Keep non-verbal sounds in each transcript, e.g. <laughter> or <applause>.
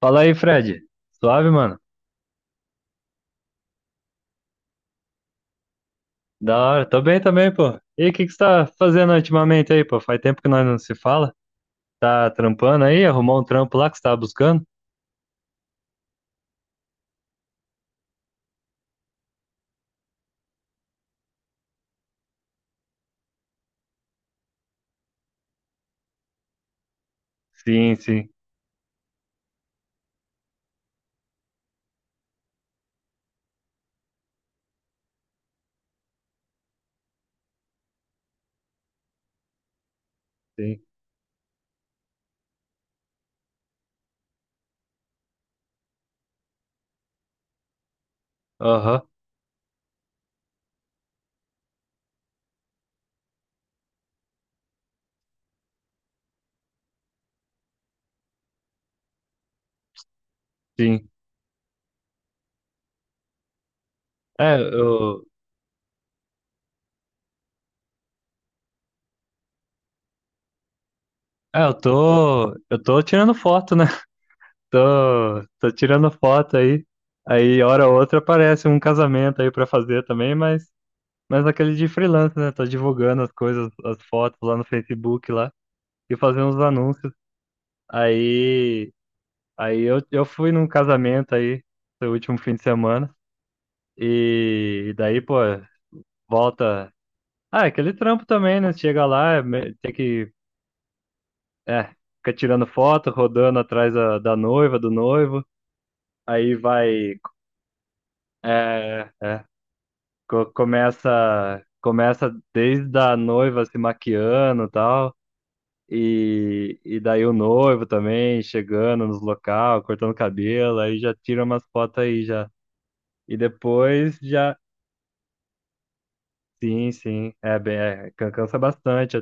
Fala aí, Fred. Suave, mano? Da hora. Tô bem também, pô. E o que que você tá fazendo ultimamente aí, pô? Faz tempo que nós não se fala. Tá trampando aí? Arrumou um trampo lá que você tava buscando? Sim, sim, sim. Aham, sim. É, eu... Eu tô tirando foto, né? <laughs> Tô tirando foto aí. Aí, hora ou outra, aparece um casamento aí pra fazer também, mas... Mas aquele de freelancer, né? Tô divulgando as coisas, as fotos lá no Facebook lá. E fazendo uns anúncios. Aí... Aí eu fui num casamento aí, no último fim de semana, e daí, pô, volta. Ah, é aquele trampo também, né? Chega lá, tem que, é, fica tirando foto, rodando atrás da noiva, do noivo. Aí vai, é, é, começa, começa desde a noiva se maquiando e tal, e daí o noivo também chegando nos local, cortando cabelo, aí já tira umas fotos aí já. E depois já sim, sim. É bem, é, cansa bastante.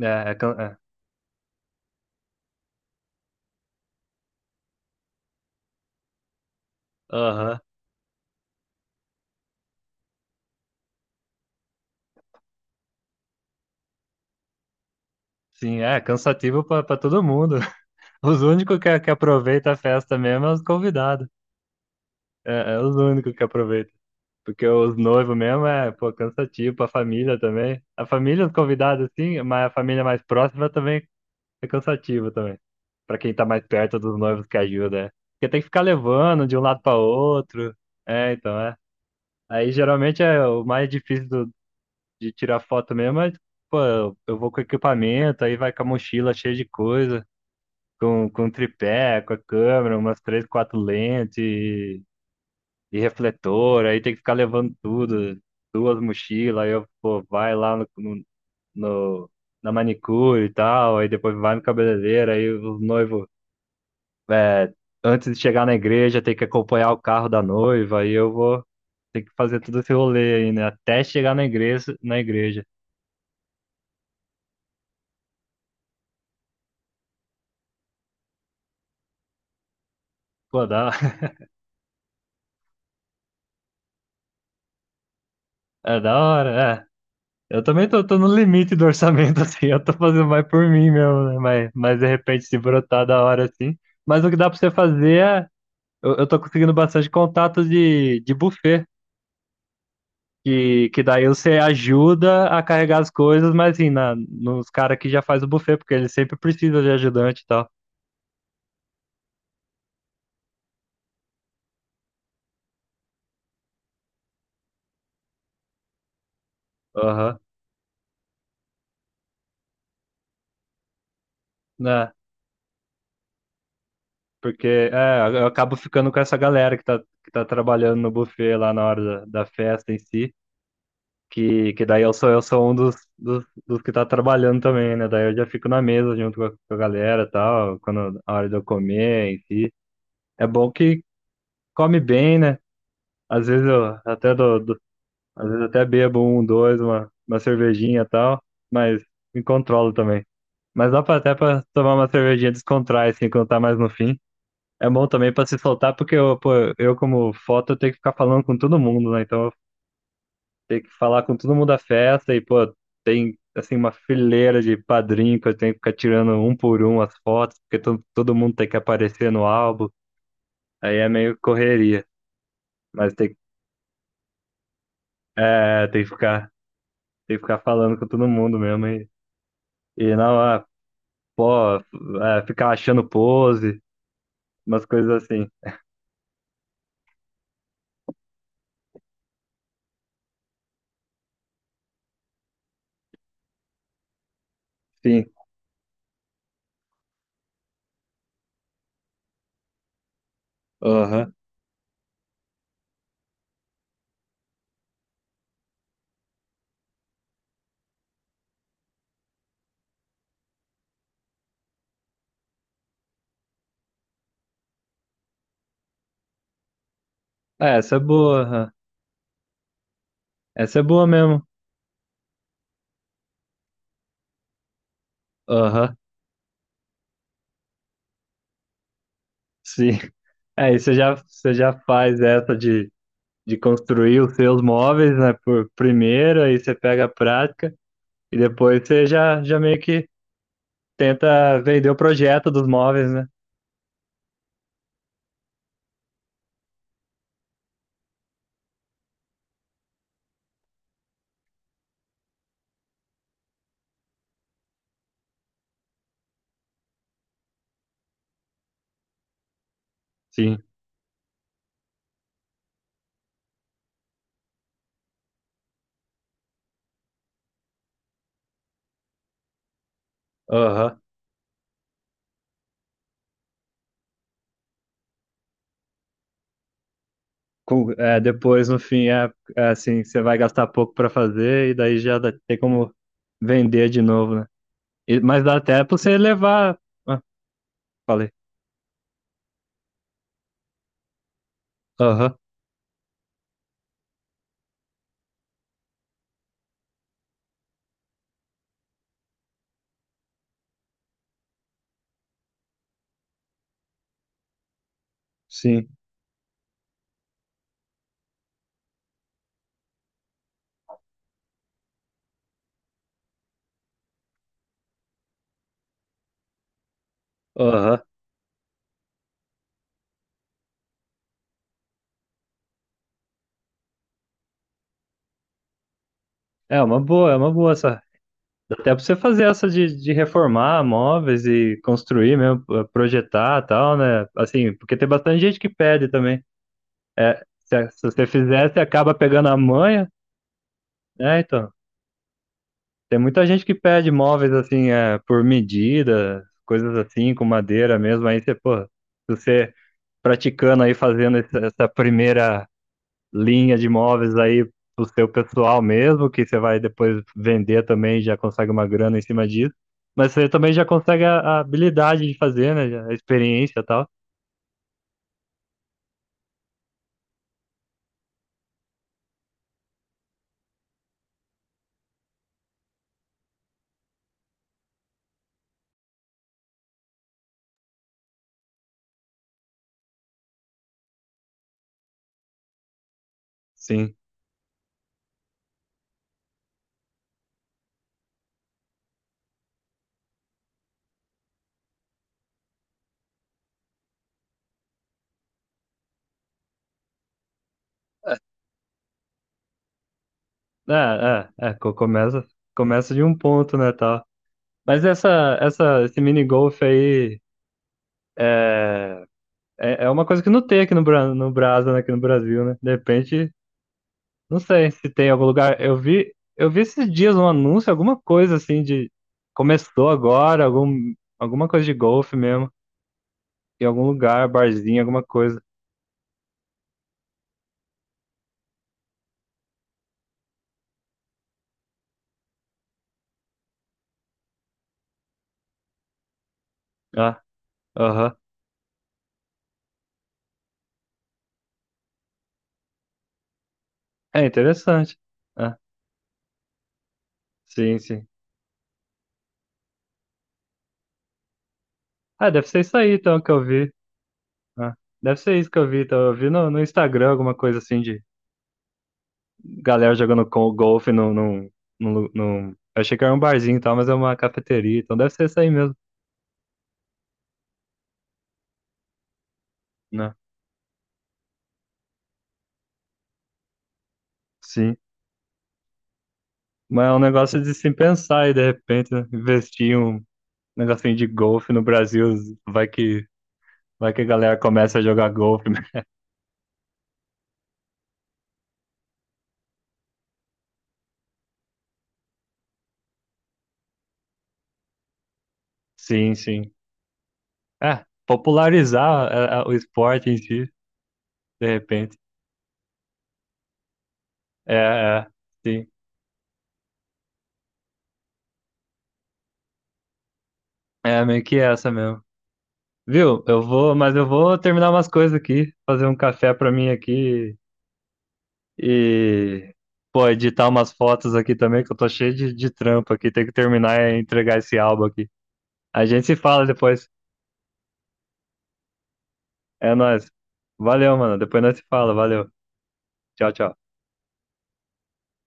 É, é, can- é, aham. Sim, é cansativo pra pra todo mundo. <laughs> Os únicos que aproveitam a festa mesmo é os convidados. É, é os únicos que aproveitam. Porque os noivos mesmo é, pô, cansativo pra família também. A família, os convidados, sim, mas a família mais próxima também é cansativa também. Pra quem tá mais perto dos noivos que ajuda, é. Porque tem que ficar levando de um lado pra outro. É, então, é. Aí geralmente é o mais difícil de tirar foto mesmo, mas, pô, eu vou com equipamento, aí vai com a mochila cheia de coisa, com um tripé, com a câmera, umas três, quatro lentes e refletor, aí tem que ficar levando tudo, duas mochilas, aí eu, pô, vai lá no, no, no- na manicure e tal, aí depois vai no cabeleireiro, aí o noivo, é, antes de chegar na igreja, tem que acompanhar o carro da noiva, aí eu vou ter que fazer todo esse rolê aí, né, até chegar na igreja, na igreja. Pô, dá, é da hora, é. Eu também tô, tô no limite do orçamento, <laughs> assim, eu tô fazendo mais por mim mesmo, né? Mas de repente se brotar da hora, assim. Mas o que dá pra você fazer é. Eu tô conseguindo bastante contato de buffet, que daí você ajuda a carregar as coisas, mas assim, na, nos caras que já faz o buffet, porque eles sempre precisam de ajudante e tal. Aham, né? Porque é, eu acabo ficando com essa galera que tá trabalhando no buffet lá na hora da, da festa em si. Que daí eu sou um dos que tá trabalhando também, né? Daí eu já fico na mesa junto com a galera e tal, quando a hora de eu comer em si. É bom que come bem, né? Às vezes eu até dou, dou- Às vezes até bebo um, dois, uma cervejinha e tal, mas me controlo também. Mas dá pra, até pra tomar uma cervejinha, descontrar, assim, quando tá mais no fim. É bom também pra se soltar, porque eu, pô, eu como foto, eu tenho que ficar falando com todo mundo, né? Então ter que falar com todo mundo da festa e, pô, tem, assim, uma fileira de padrinho que eu tenho que ficar tirando um por um as fotos, todo mundo tem que aparecer no álbum. Aí é meio correria, mas é, tem que ficar, tem que ficar falando com todo mundo mesmo e não, é, pô, é, ficar achando pose, umas coisas assim. Sim, aham. É, essa é boa, aham. Essa é boa mesmo. Aham, sim. <laughs> Aí você já faz essa de construir os seus móveis, né, por primeira, aí você pega a prática e depois você já, já meio que tenta vender o projeto dos móveis, né? Sim. Aham. É, depois, no fim, é, é assim, você vai gastar pouco para fazer tem como vender de novo, né? Mas dá até para você levar. Ah, falei. Aham, sim. Aham. É uma boa essa. Até pra você fazer essa de reformar móveis e construir mesmo, projetar e tal, né? Assim, porque tem bastante gente que pede também. É, se você fizer, você acaba pegando a manha, né? Então, tem muita gente que pede móveis assim, é, por medida, coisas assim, com madeira mesmo. Aí você, pô, se você praticando aí, fazendo essa, essa primeira linha de imóveis aí pro seu pessoal mesmo, que você vai depois vender também, já consegue uma grana em cima disso. Mas você também já consegue a habilidade de fazer, né? A experiência e tal. Sim. É, começa, começa de um ponto, né, tal. Mas essa, esse mini golf aí é, é, é uma coisa que não tem aqui no, no Brasa, né, aqui no Brasil, né? De repente não sei se tem algum lugar. Eu vi esses dias um anúncio, alguma coisa assim de começou agora, algum, alguma coisa de golfe mesmo, em algum lugar, barzinho, alguma coisa. Ah, aham. É interessante. Ah, sim, sim. Ah, deve ser isso aí então que eu vi. Ah, deve ser isso que eu vi. Então, eu vi no Instagram alguma coisa assim de galera jogando golfe eu achei que era um barzinho e tal, mas é uma cafeteria, então deve ser isso aí mesmo, né? Sim. Mas é um negócio de se pensar e de repente né, investir em um negocinho de golfe no Brasil. Vai que, vai que a galera começa a jogar golfe. <laughs> Sim, sim. É, popularizar é, é, o esporte em si, de repente. É, é, sim. É meio que essa mesmo. Viu? Eu vou terminar umas coisas aqui, fazer um café pra mim aqui e, pô, editar umas fotos aqui também, que eu tô cheio de trampo aqui. Tem que terminar e entregar esse álbum aqui. A gente se fala depois. É nóis. Valeu, mano. Depois nós se fala. Valeu. Tchau, tchau.